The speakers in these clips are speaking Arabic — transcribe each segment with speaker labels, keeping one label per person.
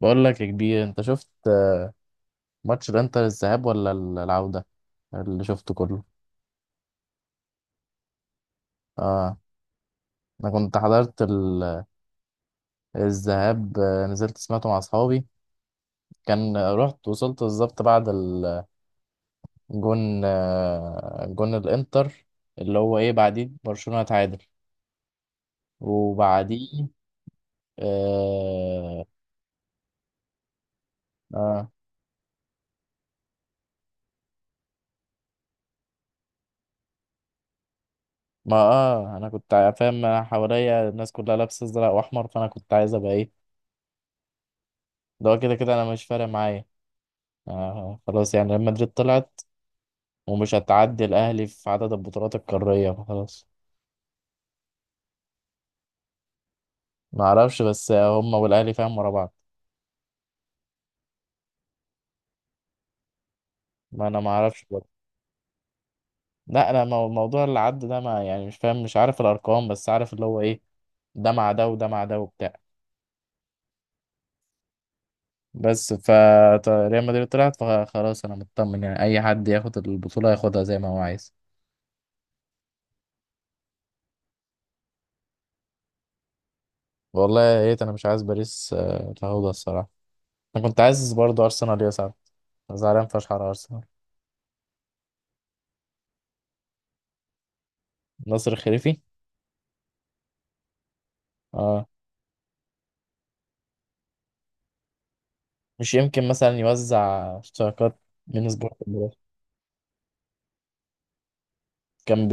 Speaker 1: بقول لك يا كبير، انت شفت ماتش الانتر الذهاب ولا العودة اللي شفته كله؟ اه. انا كنت حضرت الذهاب، نزلت سمعته مع اصحابي. كان رحت وصلت بالظبط بعد الجون، جون الانتر، اللي هو ايه، بعديه برشلونة اتعادل وبعديه. اه. آه. ما انا كنت فاهم، أنا حواليا الناس كلها لابسه ازرق واحمر، فانا كنت عايز ابقى ايه؟ ده هو كده كده انا مش فارق معايا. آه خلاص، يعني ريال مدريد طلعت ومش هتعدي الاهلي في عدد البطولات القاريه، فخلاص. ما اعرفش، بس هم والاهلي فاهم ورا بعض. ما انا ما اعرفش برضه. لا انا موضوع اللي عدى ده، ما يعني مش فاهم، مش عارف الارقام، بس عارف اللي هو ايه، ده مع ده وده مع ده وبتاع. بس ف ريال مدريد طلعت فخلاص، انا مطمن. يعني اي حد ياخد البطوله ياخدها زي ما هو عايز. والله يا ريت. انا مش عايز باريس تاخدها الصراحه. انا كنت عايز برضه ارسنال يصعد. زعلان فشخ على ارسنال. ناصر الخليفي. اه. مش يمكن مثلا يوزع اشتراكات من سبورت لبره. كان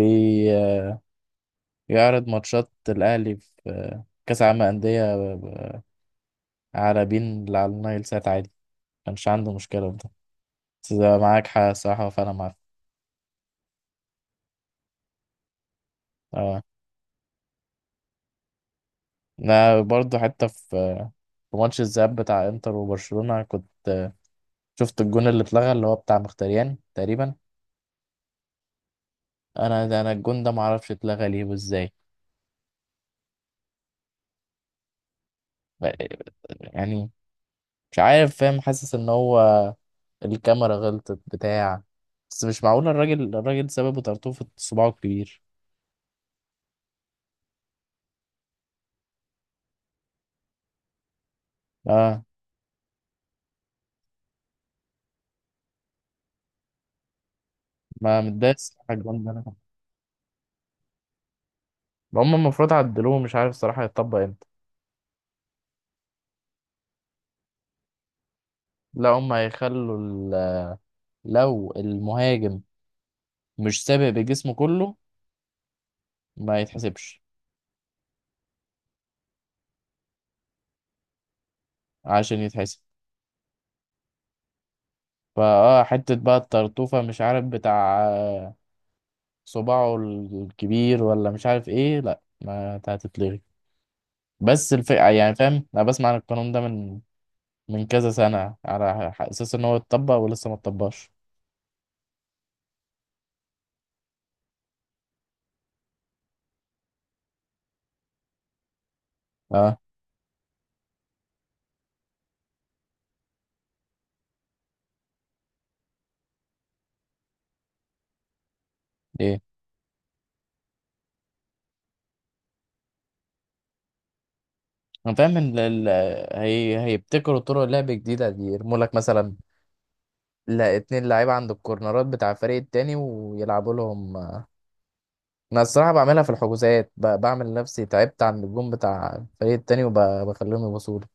Speaker 1: بيعرض ماتشات الأهلي في كأس عالم أندية على بين اللي على النايل سات عادي، كانش عنده مشكلة في ده. بس ده معاك حق الصراحة، فأنا معاك. اه. أنا برضه حتى في في ماتش الذهاب بتاع انتر وبرشلونة كنت شفت الجون اللي اتلغى، اللي هو بتاع مختاريان تقريبا. انا ده، انا الجون ده معرفش اتلغى ليه وازاي. يعني مش عارف، فاهم، حاسس ان هو الكاميرا غلطت بتاع. بس مش معقولة الراجل، سببه طرطوفة صباعه الكبير. اه ما متضايق الصراحة الجون ده أنا. هم المفروض عدلوه، مش عارف الصراحة هيطبق امتى. لا هم هيخلوا لو المهاجم مش سابق بجسمه كله، ما يتحسبش. عشان يتحسب فاه حتة بقى الطرطوفة مش عارف بتاع، صباعه الكبير ولا مش عارف ايه، لا ما هتتلغي. بس الفئة يعني فاهم، انا بسمع عن القانون ده من كذا سنة على أساس إن هو اتطبق ولسه ما اتطبقش. أه. إيه. أنا فاهم إن هي هيبتكروا طرق لعب جديدة، دي يرموا لك مثلا لا اتنين لعيبة عند الكورنرات بتاع الفريق التاني ويلعبوا لهم. أنا الصراحة بعملها في الحجوزات، بعمل نفسي تعبت عند الجون بتاع الفريق التاني وبخليهم يبصوا لي.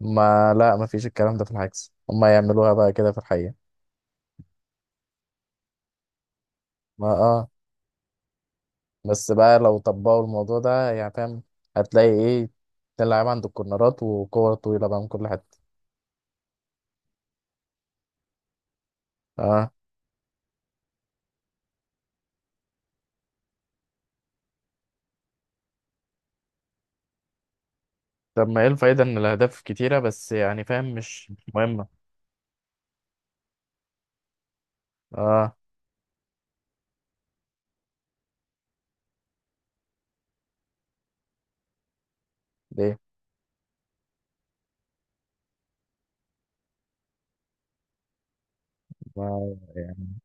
Speaker 1: ما لا، ما فيش الكلام ده في العكس، هما يعملوها بقى كده في الحقيقة. ما آه. بس بقى لو طبقوا الموضوع ده يعني فاهم، هتلاقي ايه، تلعب عند الكورنرات وكور طويلة بقى من كل حتة. اه. طب ما ايه الفايدة ان الاهداف كتيرة، بس يعني فاهم مش مهمة. اه. ليه؟ ما يعني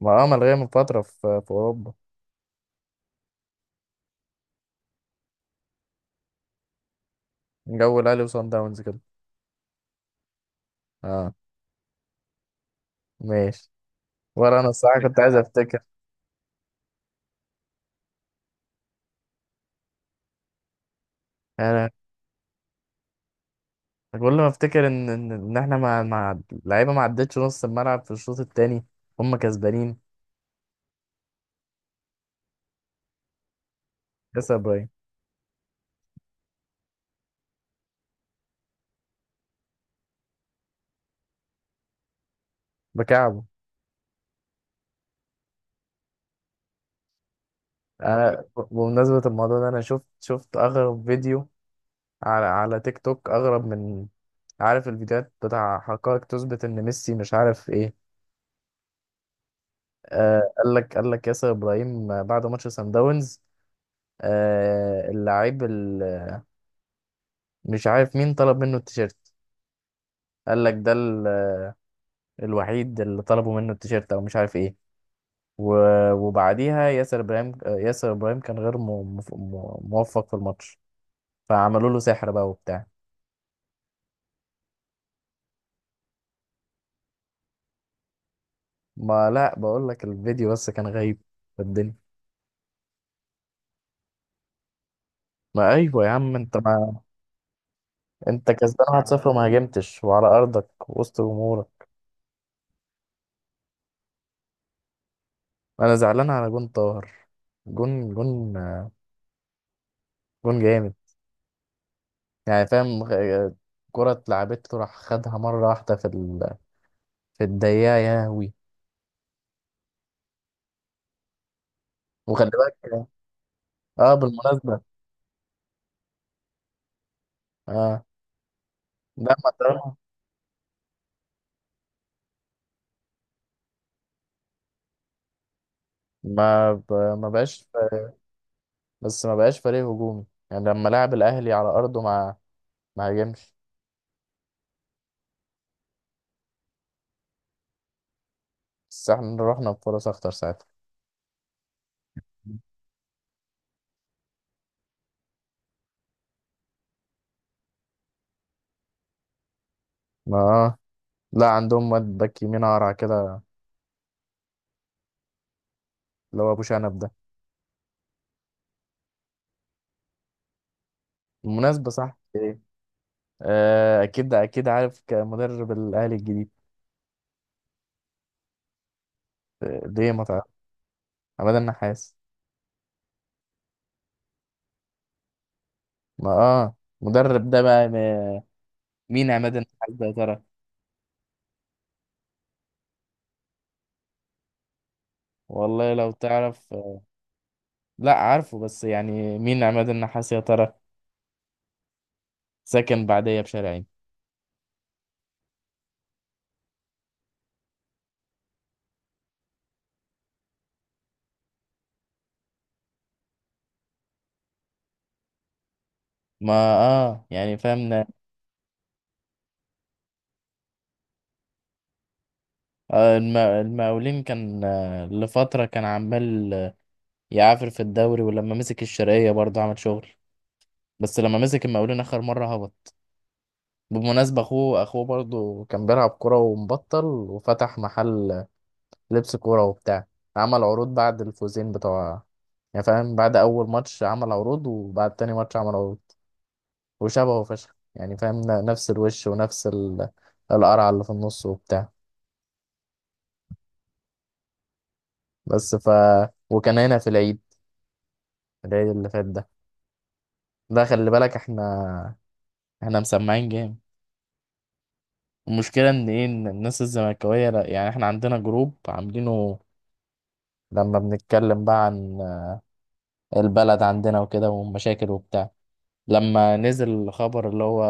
Speaker 1: ما اه، ملغية من فترة في، في اوروبا. جو الاهلي وصن داونز كده. اه. ماشي. ولا انا الصراحة كنت عايز افتكر. انا كل ما افتكر ان إن احنا مع اللعيبة ما عدتش نص الملعب في الشوط التاني، هم كسبانين. يا ابراهيم. بكعبه. انا بمناسبة الموضوع ده، انا شفت اغرب فيديو على تيك توك، اغرب من، عارف الفيديوهات بتاع حقائق تثبت ان ميسي مش عارف ايه. آه قال لك، ياسر ابراهيم بعد ماتش سان داونز، آه اللاعب مش عارف مين طلب منه التيشيرت، قال لك ده الوحيد اللي طلبوا منه التيشيرت او مش عارف ايه. وبعديها ياسر ابراهيم، ياسر ابراهيم كان غير موفق في الماتش، فعملوا له سحر بقى وبتاع. ما لا، بقول لك الفيديو بس، كان غايب في الدنيا. ما ايوه يا عم، انت ما انت كسبان 1-0 وما هاجمتش، وعلى ارضك وسط جمهورك. انا زعلان على جون طاهر. جون جون جون جامد. يعني فاهم، كرة اتلعبته راح خدها مرة واحدة في في الدقيقة يا هوي. وخلي بالك. اه، بالمناسبة. اه. ده ما ما بقاش، بس ما بقاش فريق هجومي. يعني لما لعب الأهلي على أرضه ما، ما هاجمش. بس احنا رحنا بفرص أخطر ساعتها. اه. لا عندهم واد باك يمين قرع كده، اللي هو ابو شنب ده. بالمناسبه، صح، ايه، آه اكيد اكيد عارف كمدرب الاهلي الجديد؟ ليه ما تعرف؟ عماد النحاس. ما اه. مدرب ده بقى، مين عماد النحاس ده يا ترى؟ والله لو تعرف لا عارفه بس يعني مين عماد النحاس يا ترى؟ ساكن بعديه بشارعين. ما اه، يعني فهمنا. آه المقاولين كان لفترة كان عمال يعافر في الدوري، ولما مسك الشرقية برضه عمل شغل. بس لما مسك المقاولين اخر مره هبط. بالمناسبه اخوه برضه كان بيلعب كوره ومبطل، وفتح محل لبس كوره وبتاع. عمل عروض بعد الفوزين بتوع، يعني فاهم، بعد اول ماتش عمل عروض، وبعد تاني ماتش عمل عروض. وشبهه فشخ يعني فاهم، نفس الوش ونفس القرعه اللي في النص وبتاع. بس ف وكان هنا في العيد، العيد اللي فات ده. ده خلي بالك، احنا مسمعين جامد. المشكلة إن إيه، إن الناس الزملكاوية يعني إحنا عندنا جروب عاملينه، لما بنتكلم بقى عن البلد عندنا وكده والمشاكل وبتاع، لما نزل الخبر اللي هو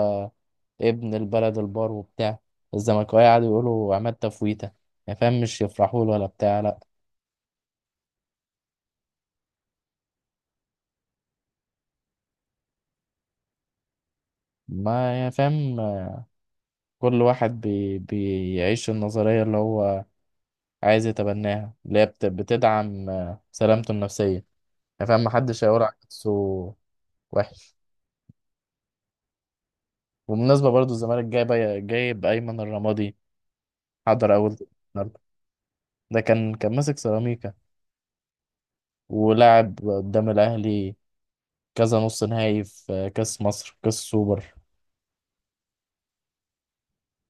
Speaker 1: ابن البلد البار وبتاع، الزملكاويه قعدوا يقولوا عماد تفويته. يعني فاهم، مش يفرحوا له ولا بتاع، لا. ما يعني فاهم، كل واحد بيعيش النظرية اللي هو عايز يتبناها، اللي هي بتدعم سلامته النفسية. يعني فاهم محدش هيقول على نفسه وحش. وبالمناسبة برضو الزمالك جايب أيمن الرمادي، حضر أول النهارده. ده كان ماسك سيراميكا ولعب قدام الأهلي كذا نص نهائي في كأس مصر، كأس سوبر،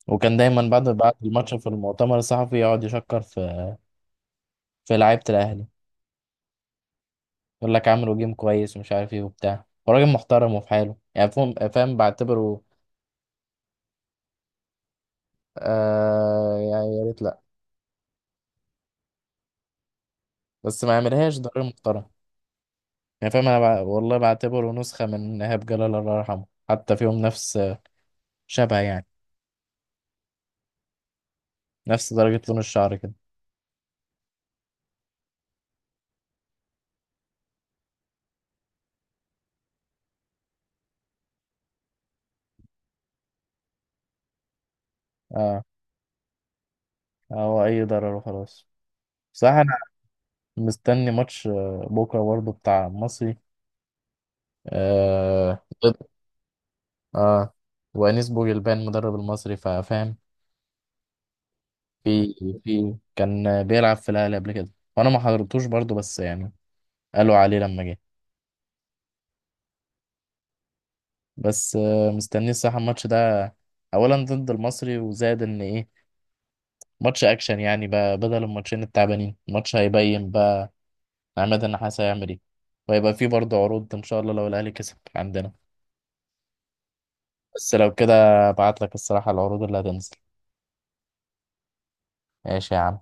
Speaker 1: وكان دايما بعد الماتش في المؤتمر الصحفي يقعد يشكر في، في لعيبة الأهلي، يقول لك عملوا جيم كويس، ومش عارف ايه وبتاع، وراجل محترم وفي حاله، يعني فاهم، فاهم بعتبره. آه يعني يا ريت لا، بس ما يعملهاش، ده راجل محترم. يعني فاهم انا والله بعتبره نسخة من إيهاب جلال، الله يرحمه، حتى فيهم نفس شبه يعني، نفس درجة لون الشعر كده. اه. هو اي ضرر وخلاص. صح. مستني ماتش بكرة برضه بتاع المصري، آه ضد. اه. وأنيس بوجلبان مدرب المصري، فاهم؟ في في كان بيلعب في الأهلي قبل كده، وأنا ما حضرتوش برضه، بس يعني قالوا عليه لما جه. بس آه مستني الصراحة الماتش ده أولا ضد المصري، وزاد إن إيه، ماتش أكشن يعني بقى، بدل الماتشين التعبانين، الماتش هيبين بقى عماد النحاس هيعمل إيه، وهيبقى فيه برضه عروض إن شاء الله لو الأهلي كسب عندنا. بس لو كده ابعت لك الصراحة العروض اللي هتنزل. ماشي يا عم.